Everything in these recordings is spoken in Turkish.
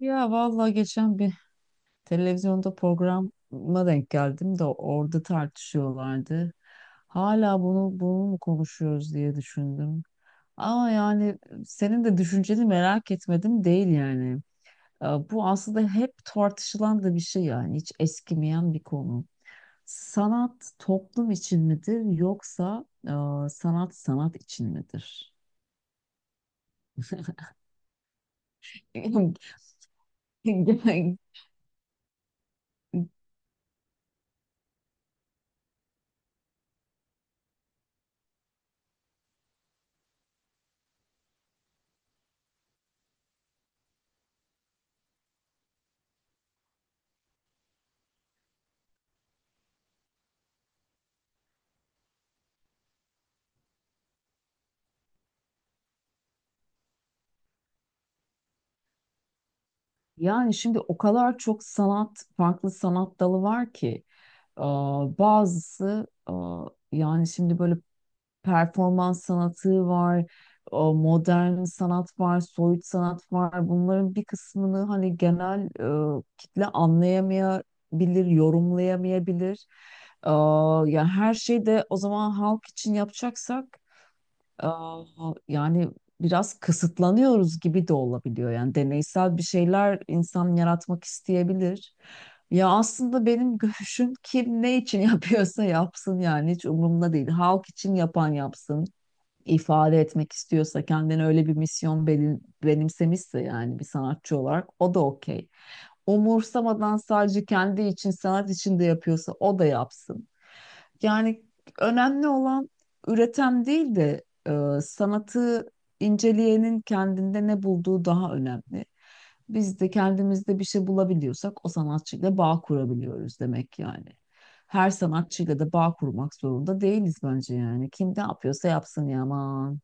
Ya vallahi geçen bir televizyonda programa denk geldim de orada tartışıyorlardı. Hala bunu mu konuşuyoruz diye düşündüm. Ama yani senin de düşünceni merak etmedim değil yani. Bu aslında hep tartışılan da bir şey, yani hiç eskimeyen bir konu. Sanat toplum için midir, yoksa sanat sanat için midir? Yani şimdi o kadar çok sanat, farklı sanat dalı var ki. Bazısı yani şimdi böyle performans sanatı var, o modern sanat var, soyut sanat var. Bunların bir kısmını hani genel kitle anlayamayabilir, yorumlayamayabilir. Ee, yani her şeyi de o zaman halk için yapacaksak Aa, yani biraz kısıtlanıyoruz gibi de olabiliyor. Yani deneysel bir şeyler insan yaratmak isteyebilir. Ya aslında benim görüşüm kim ne için yapıyorsa yapsın, yani hiç umurumda değil. Halk için yapan yapsın. İfade etmek istiyorsa, kendine öyle bir misyon benimsemişse, yani bir sanatçı olarak, o da okey. Umursamadan sadece kendi için, sanat için de yapıyorsa o da yapsın. Yani önemli olan üreten değil de sanatı inceleyenin kendinde ne bulduğu daha önemli. Biz de kendimizde bir şey bulabiliyorsak o sanatçıyla bağ kurabiliyoruz demek yani. Her sanatçıyla da bağ kurmak zorunda değiliz bence yani. Kim ne yapıyorsa yapsın ya, aman.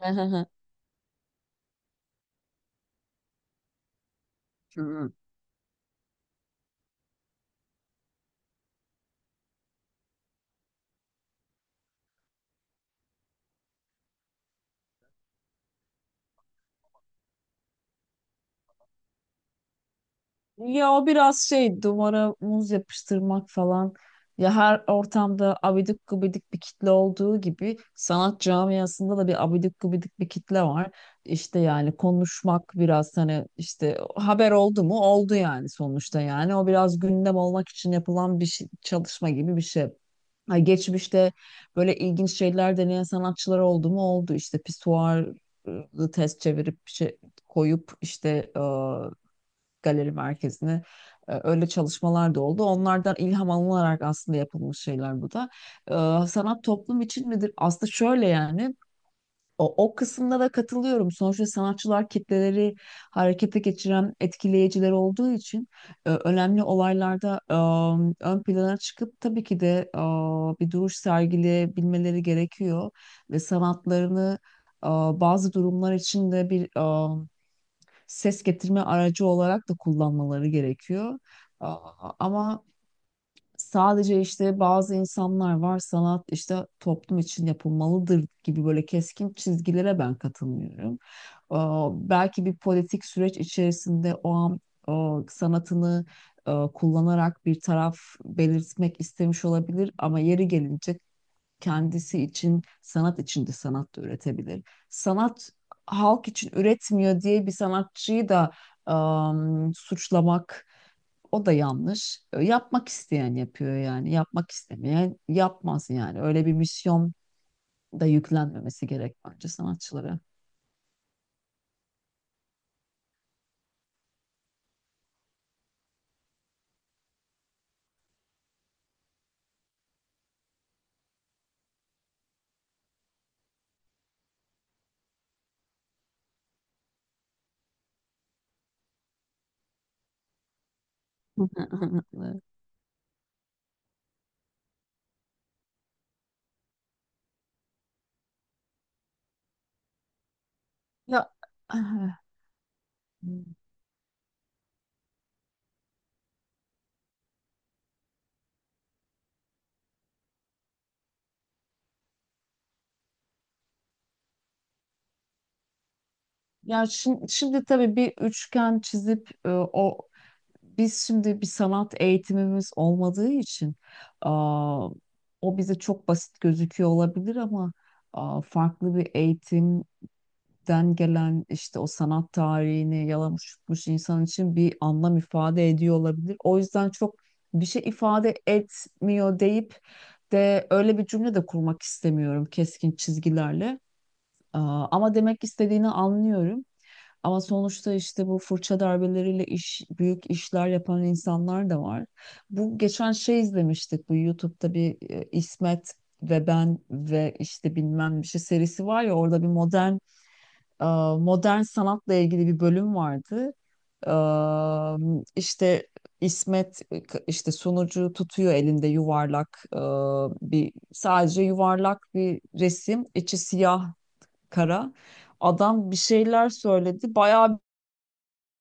Ya o biraz şey, duvara muz yapıştırmak falan. Ya her ortamda abidik gubidik bir kitle olduğu gibi, sanat camiasında da bir abidik gubidik bir kitle var. İşte yani konuşmak biraz, hani işte haber oldu mu oldu yani, sonuçta yani. O biraz gündem olmak için yapılan bir çalışma gibi bir şey. Ha, geçmişte böyle ilginç şeyler deneyen sanatçılar oldu mu oldu, işte pisuarı ters çevirip bir şey koyup işte galeri merkezine. Öyle çalışmalar da oldu. Onlardan ilham alınarak aslında yapılmış şeyler bu da. Sanat toplum için midir? Aslında şöyle yani, o kısımda da katılıyorum. Sonuçta sanatçılar kitleleri harekete geçiren etkileyiciler olduğu için, önemli olaylarda ön plana çıkıp, tabii ki de bir duruş sergileyebilmeleri gerekiyor ve sanatlarını e, bazı durumlar için de bir e, ses getirme aracı olarak da kullanmaları gerekiyor. Ama sadece, işte bazı insanlar var, sanat işte toplum için yapılmalıdır gibi böyle keskin çizgilere ben katılmıyorum. Belki bir politik süreç içerisinde o an o sanatını kullanarak bir taraf belirtmek istemiş olabilir, ama yeri gelince kendisi için, sanat için de sanat da üretebilir. Sanat halk için üretmiyor diye bir sanatçıyı da suçlamak, o da yanlış. Yapmak isteyen yapıyor yani. Yapmak istemeyen yapmaz yani. Öyle bir misyon da yüklenmemesi gerek bence sanatçılara. Ya Ya şimdi, şimdi tabii bir üçgen çizip o, biz şimdi bir sanat eğitimimiz olmadığı için aa, o bize çok basit gözüküyor olabilir, ama farklı bir eğitimden gelen, işte o sanat tarihini yalamış yutmuş insan için bir anlam ifade ediyor olabilir. O yüzden çok bir şey ifade etmiyor deyip de öyle bir cümle de kurmak istemiyorum keskin çizgilerle. Ama demek istediğini anlıyorum. Ama sonuçta işte bu fırça darbeleriyle büyük işler yapan insanlar da var. Bu geçen şey, izlemiştik bu YouTube'da bir İsmet ve ben ve işte bilmem bir şey serisi var ya, orada bir modern e, modern sanatla ilgili bir bölüm vardı. E, işte İsmet, işte sunucu, tutuyor elinde yuvarlak bir, sadece yuvarlak bir resim, içi siyah kara. Adam bir şeyler söyledi. Bayağı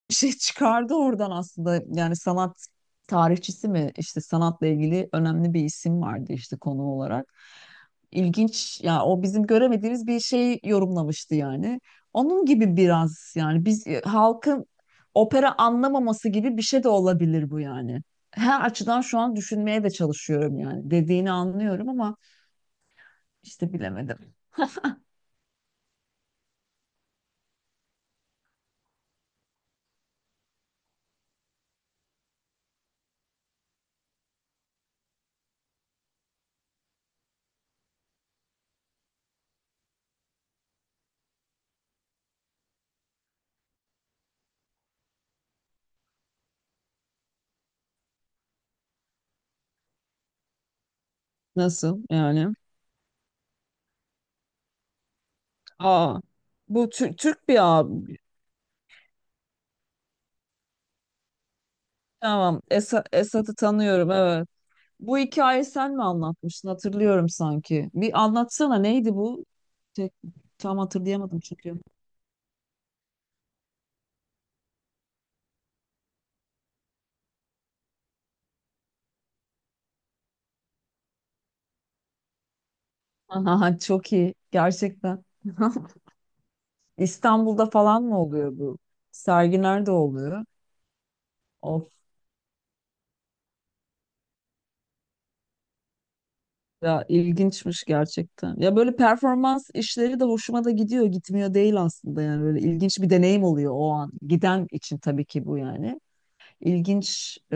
bir şey çıkardı oradan aslında. Yani sanat tarihçisi mi, işte sanatla ilgili önemli bir isim vardı işte konu olarak. İlginç ya, o bizim göremediğimiz bir şey yorumlamıştı yani. Onun gibi biraz, yani biz halkın opera anlamaması gibi bir şey de olabilir bu yani. Her açıdan şu an düşünmeye de çalışıyorum yani. Dediğini anlıyorum ama işte, bilemedim. Nasıl yani? Aa, bu Türk bir abi. Tamam. Esat'ı tanıyorum, evet. Bu hikayeyi sen mi anlatmıştın? Hatırlıyorum sanki. Bir anlatsana, neydi bu? Tek- tam hatırlayamadım çünkü. Aha, çok iyi gerçekten. İstanbul'da falan mı oluyor bu? Sergi nerede oluyor? Of ya, ilginçmiş gerçekten. Ya böyle performans işleri de hoşuma da gidiyor, gitmiyor değil aslında, yani böyle ilginç bir deneyim oluyor o an. Giden için tabii ki bu yani. İlginç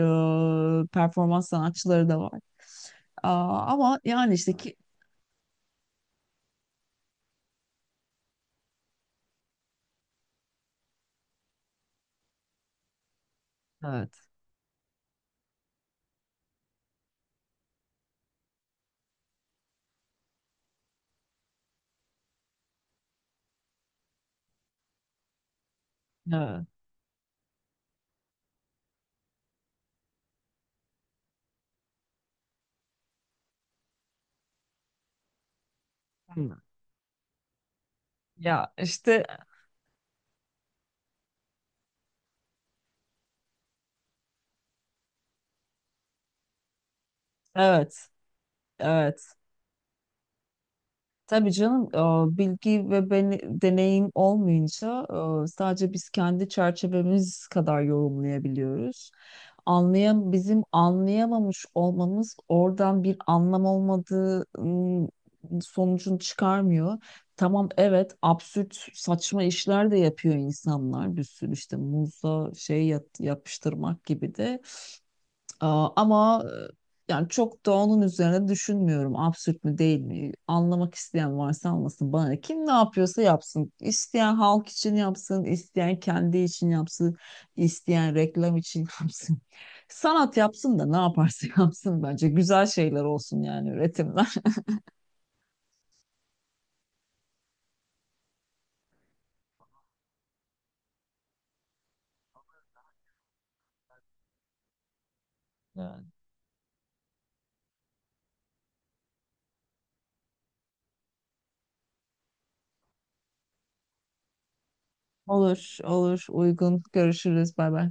performans sanatçıları da var. Aa, ama yani işte ki evet. Evet. Hı. Ya işte evet, evet. Tabii canım, bilgi ve deneyim olmayınca sadece biz kendi çerçevemiz kadar yorumlayabiliyoruz. Bizim anlayamamış olmamız oradan bir anlam olmadığı sonucunu çıkarmıyor. Tamam evet, absürt saçma işler de yapıyor insanlar bir sürü, işte muzla şey yapıştırmak gibi de. Ama yani çok da onun üzerine düşünmüyorum. Absürt mü değil mi? Anlamak isteyen varsa anlasın, bana ne? Kim ne yapıyorsa yapsın. İsteyen halk için yapsın, isteyen kendi için yapsın, isteyen reklam için yapsın. Sanat yapsın da ne yaparsa yapsın bence. Güzel şeyler olsun yani, üretimler. Yani. Olur, olur. Uygun. Görüşürüz. Bay bay.